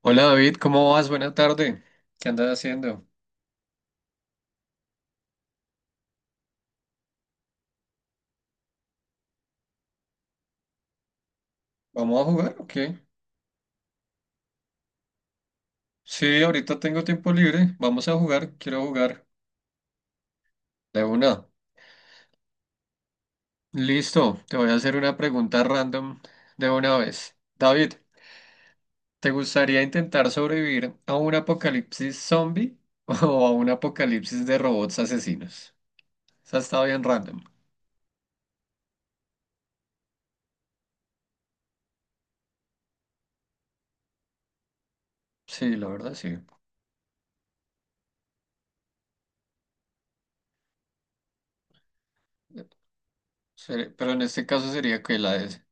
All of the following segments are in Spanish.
Hola David, ¿cómo vas? Buena tarde. ¿Qué andas haciendo? ¿Vamos a jugar o qué? Sí, ahorita tengo tiempo libre. Vamos a jugar. Quiero jugar. De una. Listo. Te voy a hacer una pregunta random de una vez. David, ¿te gustaría intentar sobrevivir a un apocalipsis zombie o a un apocalipsis de robots asesinos? Esa está bien random. Sí, la verdad sí. Pero en este caso sería que la de,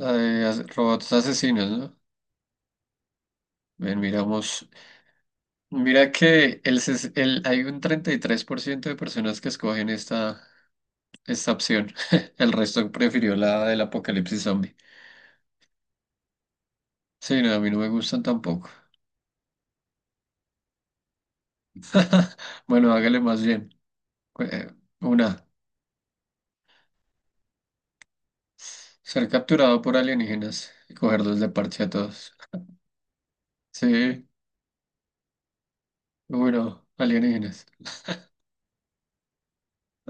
la de as- robots asesinos, ¿no? Bien, miramos. Mira que hay un 33% de personas que escogen esta opción. El resto prefirió la del apocalipsis zombie. Sí, no, a mí no me gustan tampoco. Bueno, hágale más bien. Cu- eh, Una, ser capturado por alienígenas y cogerlos de parche a todos. Sí, bueno, alienígenas.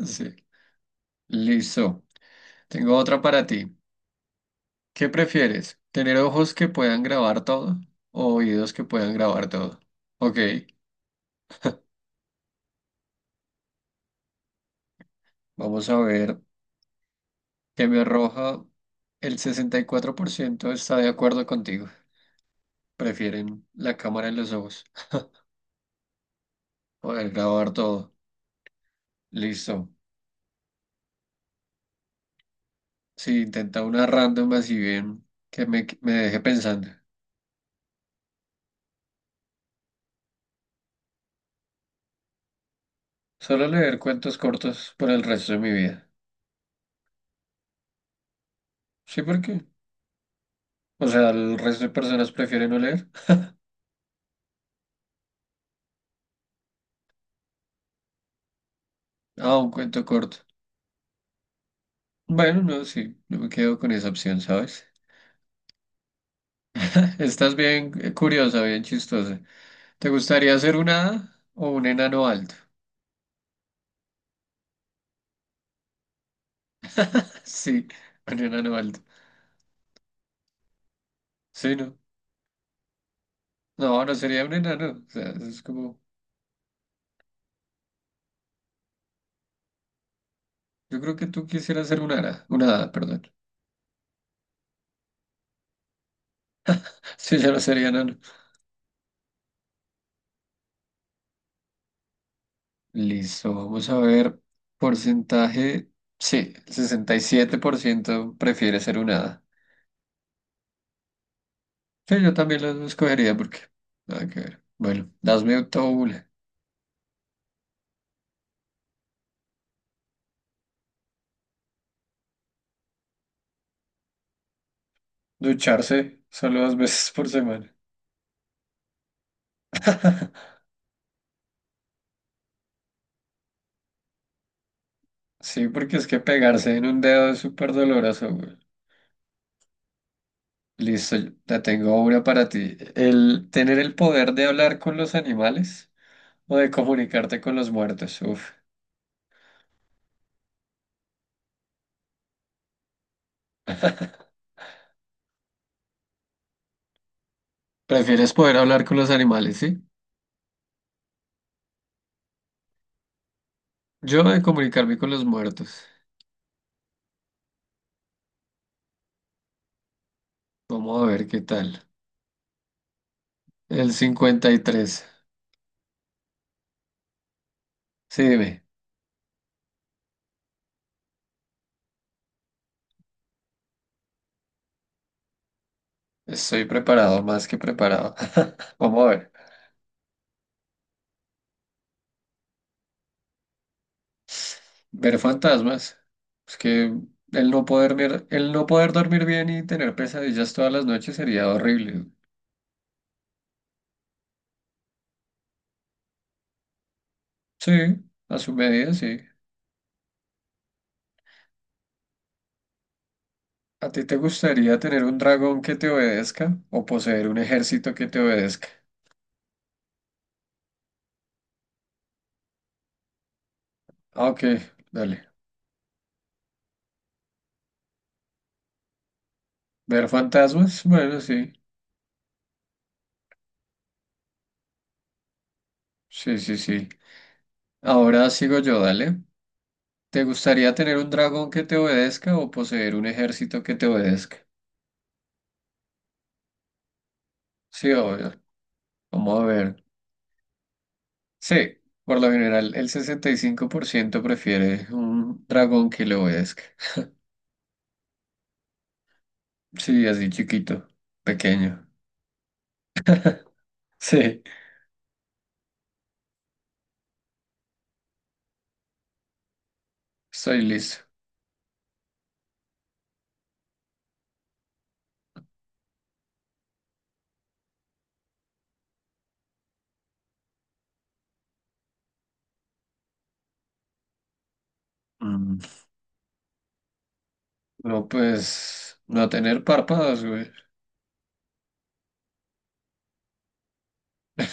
Sí, listo. Tengo otra para ti. ¿Qué prefieres? ¿Tener ojos que puedan grabar todo o oídos que puedan grabar todo? Ok. Vamos a ver que me arroja. El 64% está de acuerdo contigo. Prefieren la cámara en los ojos. Poder grabar todo. Listo. Sí, intenta una random así bien que me deje pensando. Solo leer cuentos cortos por el resto de mi vida. Sí, ¿por qué? O sea, el resto de personas prefieren no leer. Ah, un cuento corto. Bueno, no, sí, no me quedo con esa opción, ¿sabes? Estás bien, curiosa, bien chistosa. ¿Te gustaría ser una hada o un enano alto? Sí, un enano alto. Sí, no. No, no sería un enano. O sea, es como... Yo creo que tú quisieras ser un hada. Una hada, perdón. Sí, yo no sería enano. Listo, vamos a ver. Porcentaje. Sí, el 67% prefiere ser un hada. Sí, yo también lo escogería, porque... Nada que ver. Bueno, hazme auto una. Ducharse solo dos veces por semana. Sí, porque es que pegarse en un dedo es súper doloroso. Listo, la tengo una para ti. El tener el poder de hablar con los animales o de comunicarte con los muertos. Uf. ¿Prefieres poder hablar con los animales, sí? Yo, de comunicarme con los muertos. Vamos a ver qué tal. El cincuenta y tres. Sí, dime. Estoy preparado, más que preparado. Vamos a ver. Ver fantasmas. Es que el no poder dormir bien y tener pesadillas todas las noches sería horrible. Sí, a su medida, sí. ¿A ti te gustaría tener un dragón que te obedezca o poseer un ejército que te obedezca? Ah, ok, dale. ¿Ver fantasmas? Bueno, sí. Sí, sí, sí. Ahora sigo yo, dale. ¿Te gustaría tener un dragón que te obedezca o poseer un ejército que te obedezca? Sí, obvio. Vamos a ver. Sí, por lo general el 65% prefiere un dragón que le obedezca. Sí, así chiquito, pequeño. Sí, estoy listo. Mm. No, pues no tener párpados, güey.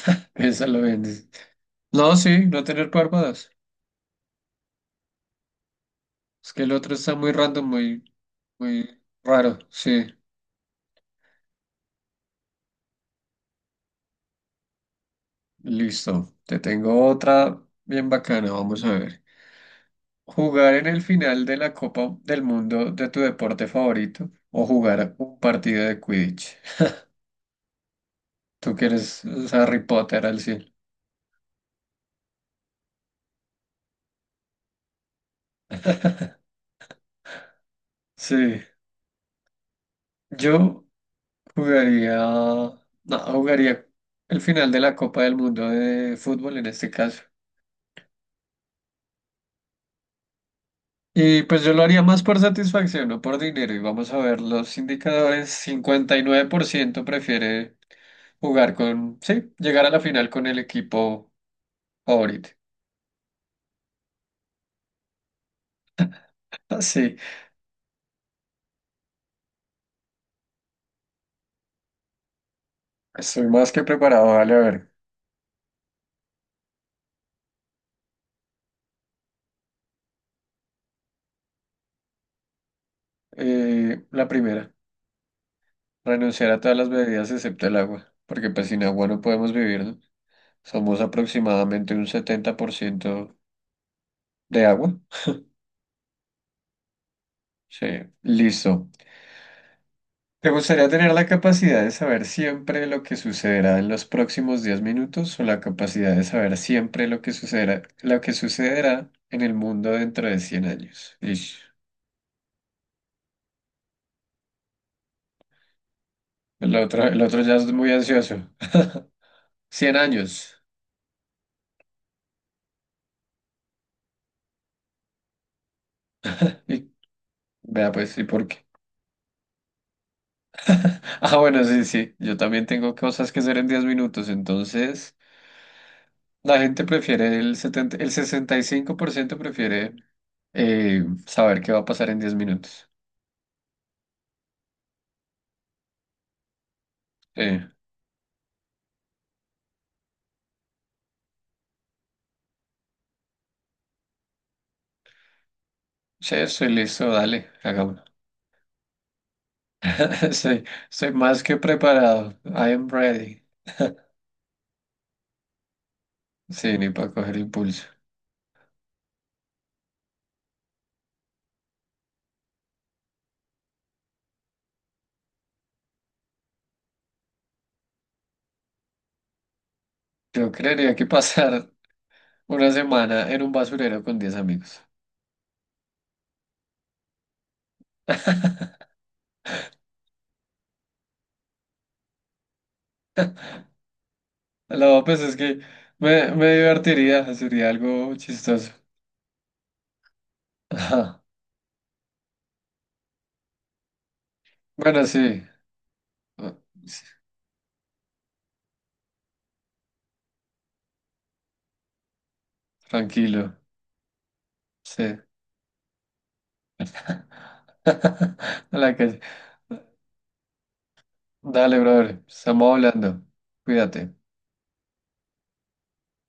Esa la vendes. No, sí, no tener párpados. Es que el otro está muy random, muy, muy raro. Sí, listo. Te tengo otra bien bacana, vamos a ver. Jugar en el final de la Copa del Mundo de tu deporte favorito o jugar un partido de Quidditch. Tú que eres Harry Potter al cielo. Sí, yo Jugaría, no, jugaría el final de la Copa del Mundo de fútbol en este caso. Y pues yo lo haría más por satisfacción, no por dinero. Y vamos a ver los indicadores. 59% prefiere sí, llegar a la final con el equipo favorito. Así, estoy más que preparado. Vale, a ver. La primera, renunciar a todas las bebidas excepto el agua, porque pues sin agua no podemos vivir, ¿no? Somos aproximadamente un 70% de agua. Sí, listo. ¿Te gustaría tener la capacidad de saber siempre lo que sucederá en los próximos 10 minutos, o la capacidad de saber siempre lo que sucederá en el mundo dentro de 100 años? Ish. El otro ya es muy ansioso. 100 años. Y vea pues, ¿y por qué? Ah, bueno, sí, sí. Yo también tengo cosas que hacer en 10 minutos, entonces la gente prefiere el 70, el 65% prefiere, saber qué va a pasar en 10 minutos. Sí. Sí, estoy listo, dale, hagámoslo. Soy más que preparado. I am ready. Sí, ni para coger impulso. Yo creería que pasar una semana en un basurero con 10 amigos. No, pues es que me divertiría, sería algo chistoso. Ajá. Bueno, sí. Ah, sí, tranquilo. Sí. A la calle. Dale, brother. Estamos hablando. Cuídate.